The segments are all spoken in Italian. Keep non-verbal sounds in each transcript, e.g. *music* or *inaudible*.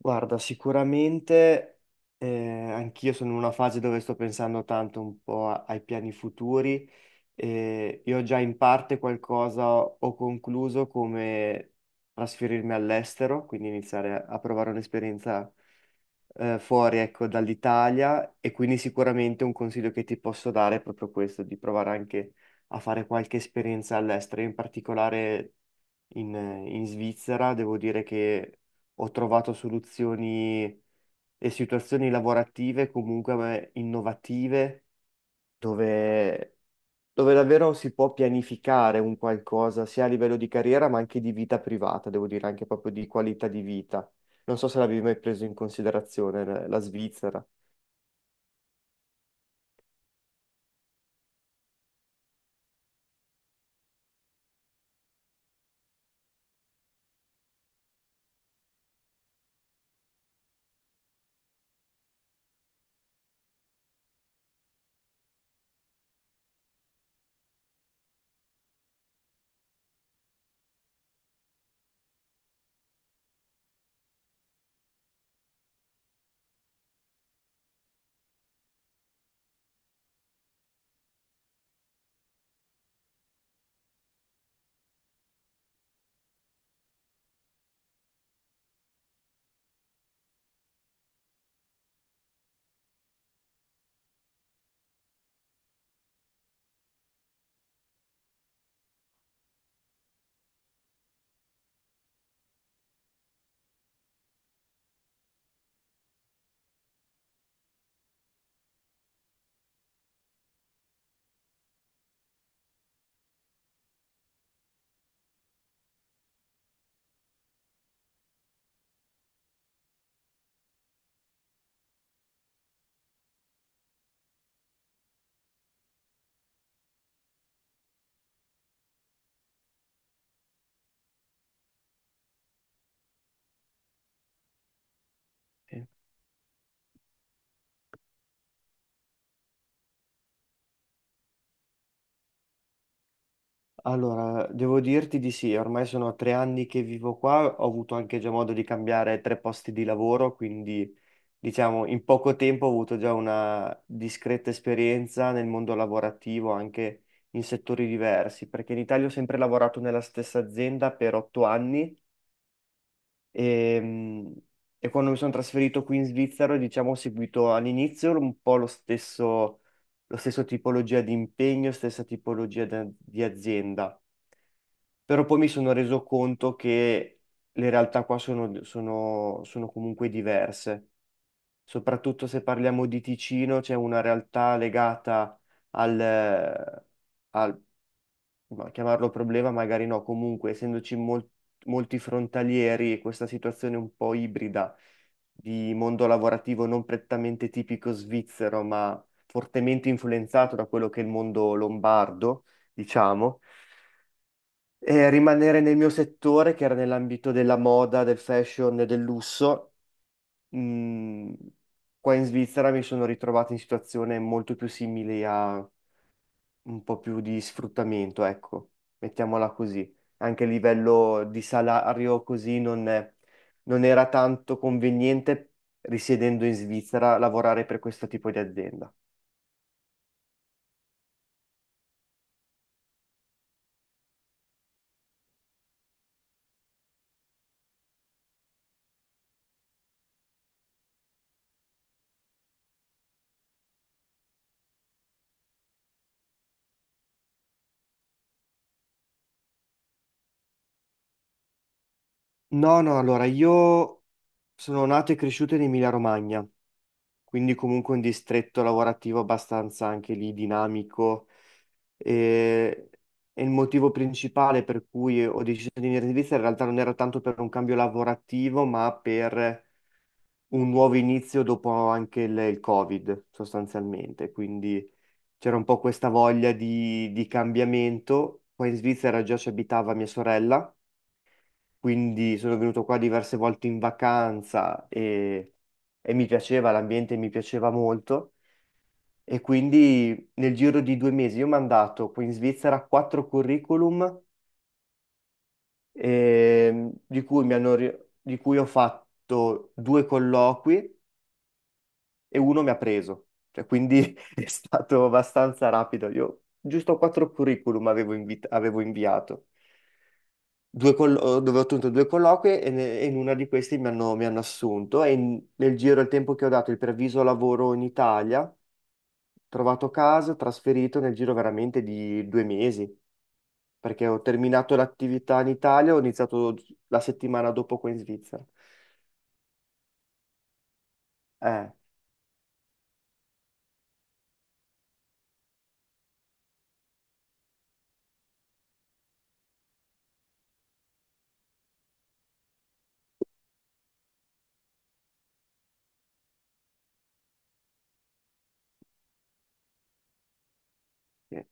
Guarda, sicuramente anch'io sono in una fase dove sto pensando tanto un po' ai piani futuri e io già in parte qualcosa ho concluso come trasferirmi all'estero, quindi iniziare a provare un'esperienza fuori, ecco, dall'Italia e quindi sicuramente un consiglio che ti posso dare è proprio questo, di provare anche a fare qualche esperienza all'estero, in particolare in, in Svizzera, devo dire che ho trovato soluzioni e situazioni lavorative comunque innovative dove, dove davvero si può pianificare un qualcosa sia a livello di carriera ma anche di vita privata, devo dire anche proprio di qualità di vita. Non so se l'avevi mai preso in considerazione la Svizzera. Sì. Allora, devo dirti di sì, ormai sono 3 anni che vivo qua, ho avuto anche già modo di cambiare tre posti di lavoro, quindi diciamo, in poco tempo ho avuto già una discreta esperienza nel mondo lavorativo, anche in settori diversi, perché in Italia ho sempre lavorato nella stessa azienda per 8 anni e, mh, e quando mi sono trasferito qui in Svizzera, diciamo, ho seguito all'inizio un po' lo stesso tipologia di impegno, stessa tipologia di azienda, però poi mi sono reso conto che le realtà qua sono comunque diverse, soprattutto se parliamo di Ticino. C'è una realtà legata al, eh, al- ma chiamarlo problema, magari no, comunque essendoci molti frontalieri e questa situazione un po' ibrida di mondo lavorativo non prettamente tipico svizzero, ma fortemente influenzato da quello che è il mondo lombardo, diciamo. E rimanere nel mio settore, che era nell'ambito della moda, del fashion e del lusso, Mm, qua in Svizzera mi sono ritrovato in situazioni molto più simili a un po' più di sfruttamento, ecco, mettiamola così. Anche a livello di salario così non era tanto conveniente, risiedendo in Svizzera, lavorare per questo tipo di azienda. No, no, allora io sono nato e cresciuto in Emilia-Romagna, quindi comunque un distretto lavorativo abbastanza anche lì dinamico. E, e il motivo principale per cui ho deciso di venire in Svizzera in realtà non era tanto per un cambio lavorativo, ma per un nuovo inizio dopo anche il Covid, sostanzialmente. Quindi c'era un po' questa voglia di cambiamento. Poi in Svizzera già ci abitava mia sorella, quindi sono venuto qua diverse volte in vacanza e mi piaceva, l'ambiente mi piaceva molto. E quindi nel giro di 2 mesi io ho mandato qui in Svizzera quattro curriculum, di cui mi hanno ri- di cui ho fatto due colloqui e uno mi ha preso. Cioè, quindi *laughs* è stato abbastanza rapido. Io giusto quattro curriculum avevo, avevo inviato. Dove ho ottenuto due colloqui e in una di questi mi hanno assunto. E nel giro del tempo che ho dato il preavviso lavoro in Italia, ho trovato casa, trasferito nel giro veramente di 2 mesi, perché ho terminato l'attività in Italia, ho iniziato la settimana dopo qua in Svizzera. Eh, sì.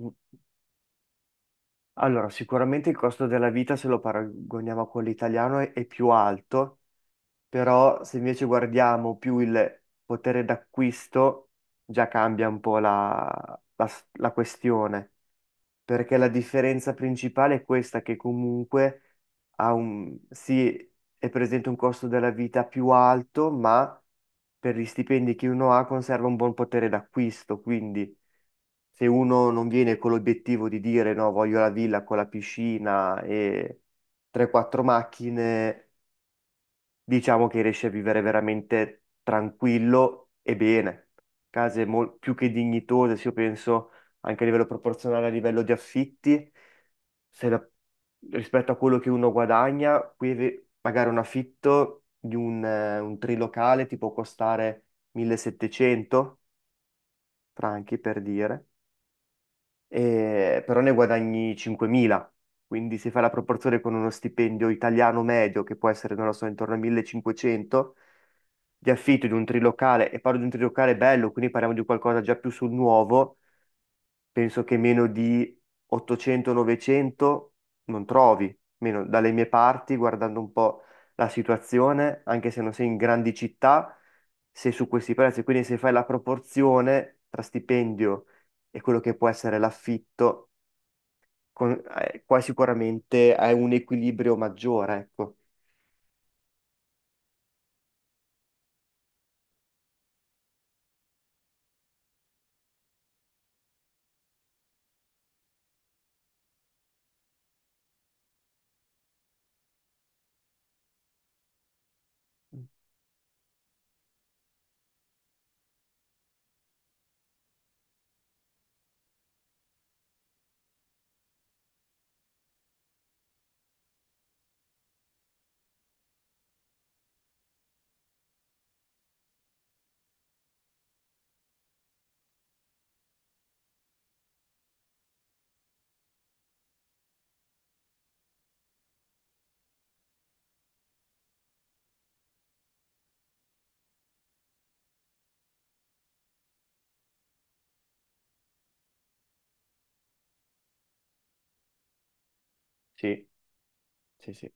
Mm. Allora, sicuramente il costo della vita, se lo paragoniamo a quello italiano, è più alto, però se invece guardiamo più il potere d'acquisto, già cambia un po' la questione, perché la differenza principale è questa, che comunque ha un, sì, è presente un costo della vita più alto, ma per gli stipendi che uno ha conserva un buon potere d'acquisto, quindi se uno non viene con l'obiettivo di dire no, voglio la villa con la piscina e 3-4 macchine, diciamo che riesci a vivere veramente tranquillo e bene. Case più che dignitose, se io penso anche a livello proporzionale, a livello di affitti, se la- rispetto a quello che uno guadagna, qui magari un affitto di un trilocale ti può costare 1700 franchi per dire, però ne guadagni 5.000. Quindi se fai la proporzione con uno stipendio italiano medio, che può essere, non lo so, intorno a 1500, di affitto di un trilocale, e parlo di un trilocale bello, quindi parliamo di qualcosa già più sul nuovo, penso che meno di 800-900 non trovi, meno dalle mie parti, guardando un po' la situazione, anche se non sei in grandi città, sei su questi prezzi, quindi se fai la proporzione tra stipendio e quello che può essere l'affitto, qua sicuramente hai un equilibrio maggiore, ecco. Sì, sì, sì,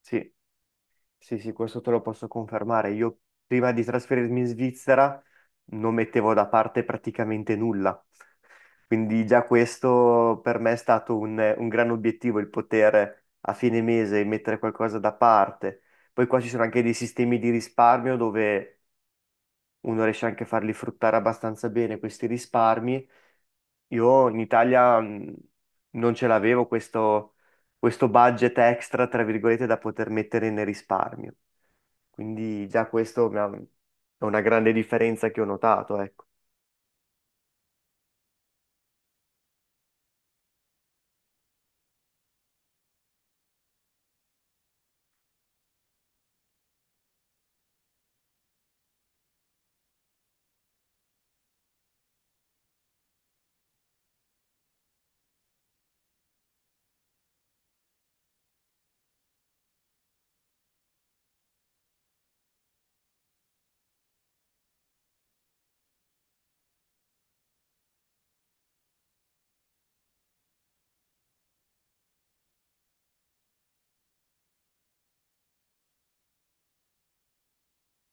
sì. Sì, sì, questo te lo posso confermare. Io prima di trasferirmi in Svizzera non mettevo da parte praticamente nulla. Quindi già questo per me è stato un gran obiettivo, il poter a fine mese mettere qualcosa da parte. Poi qua ci sono anche dei sistemi di risparmio dove uno riesce anche a farli fruttare abbastanza bene questi risparmi. Io in Italia non ce l'avevo questo budget extra, tra virgolette, da poter mettere nel risparmio. Quindi già questo è una grande differenza che ho notato, ecco.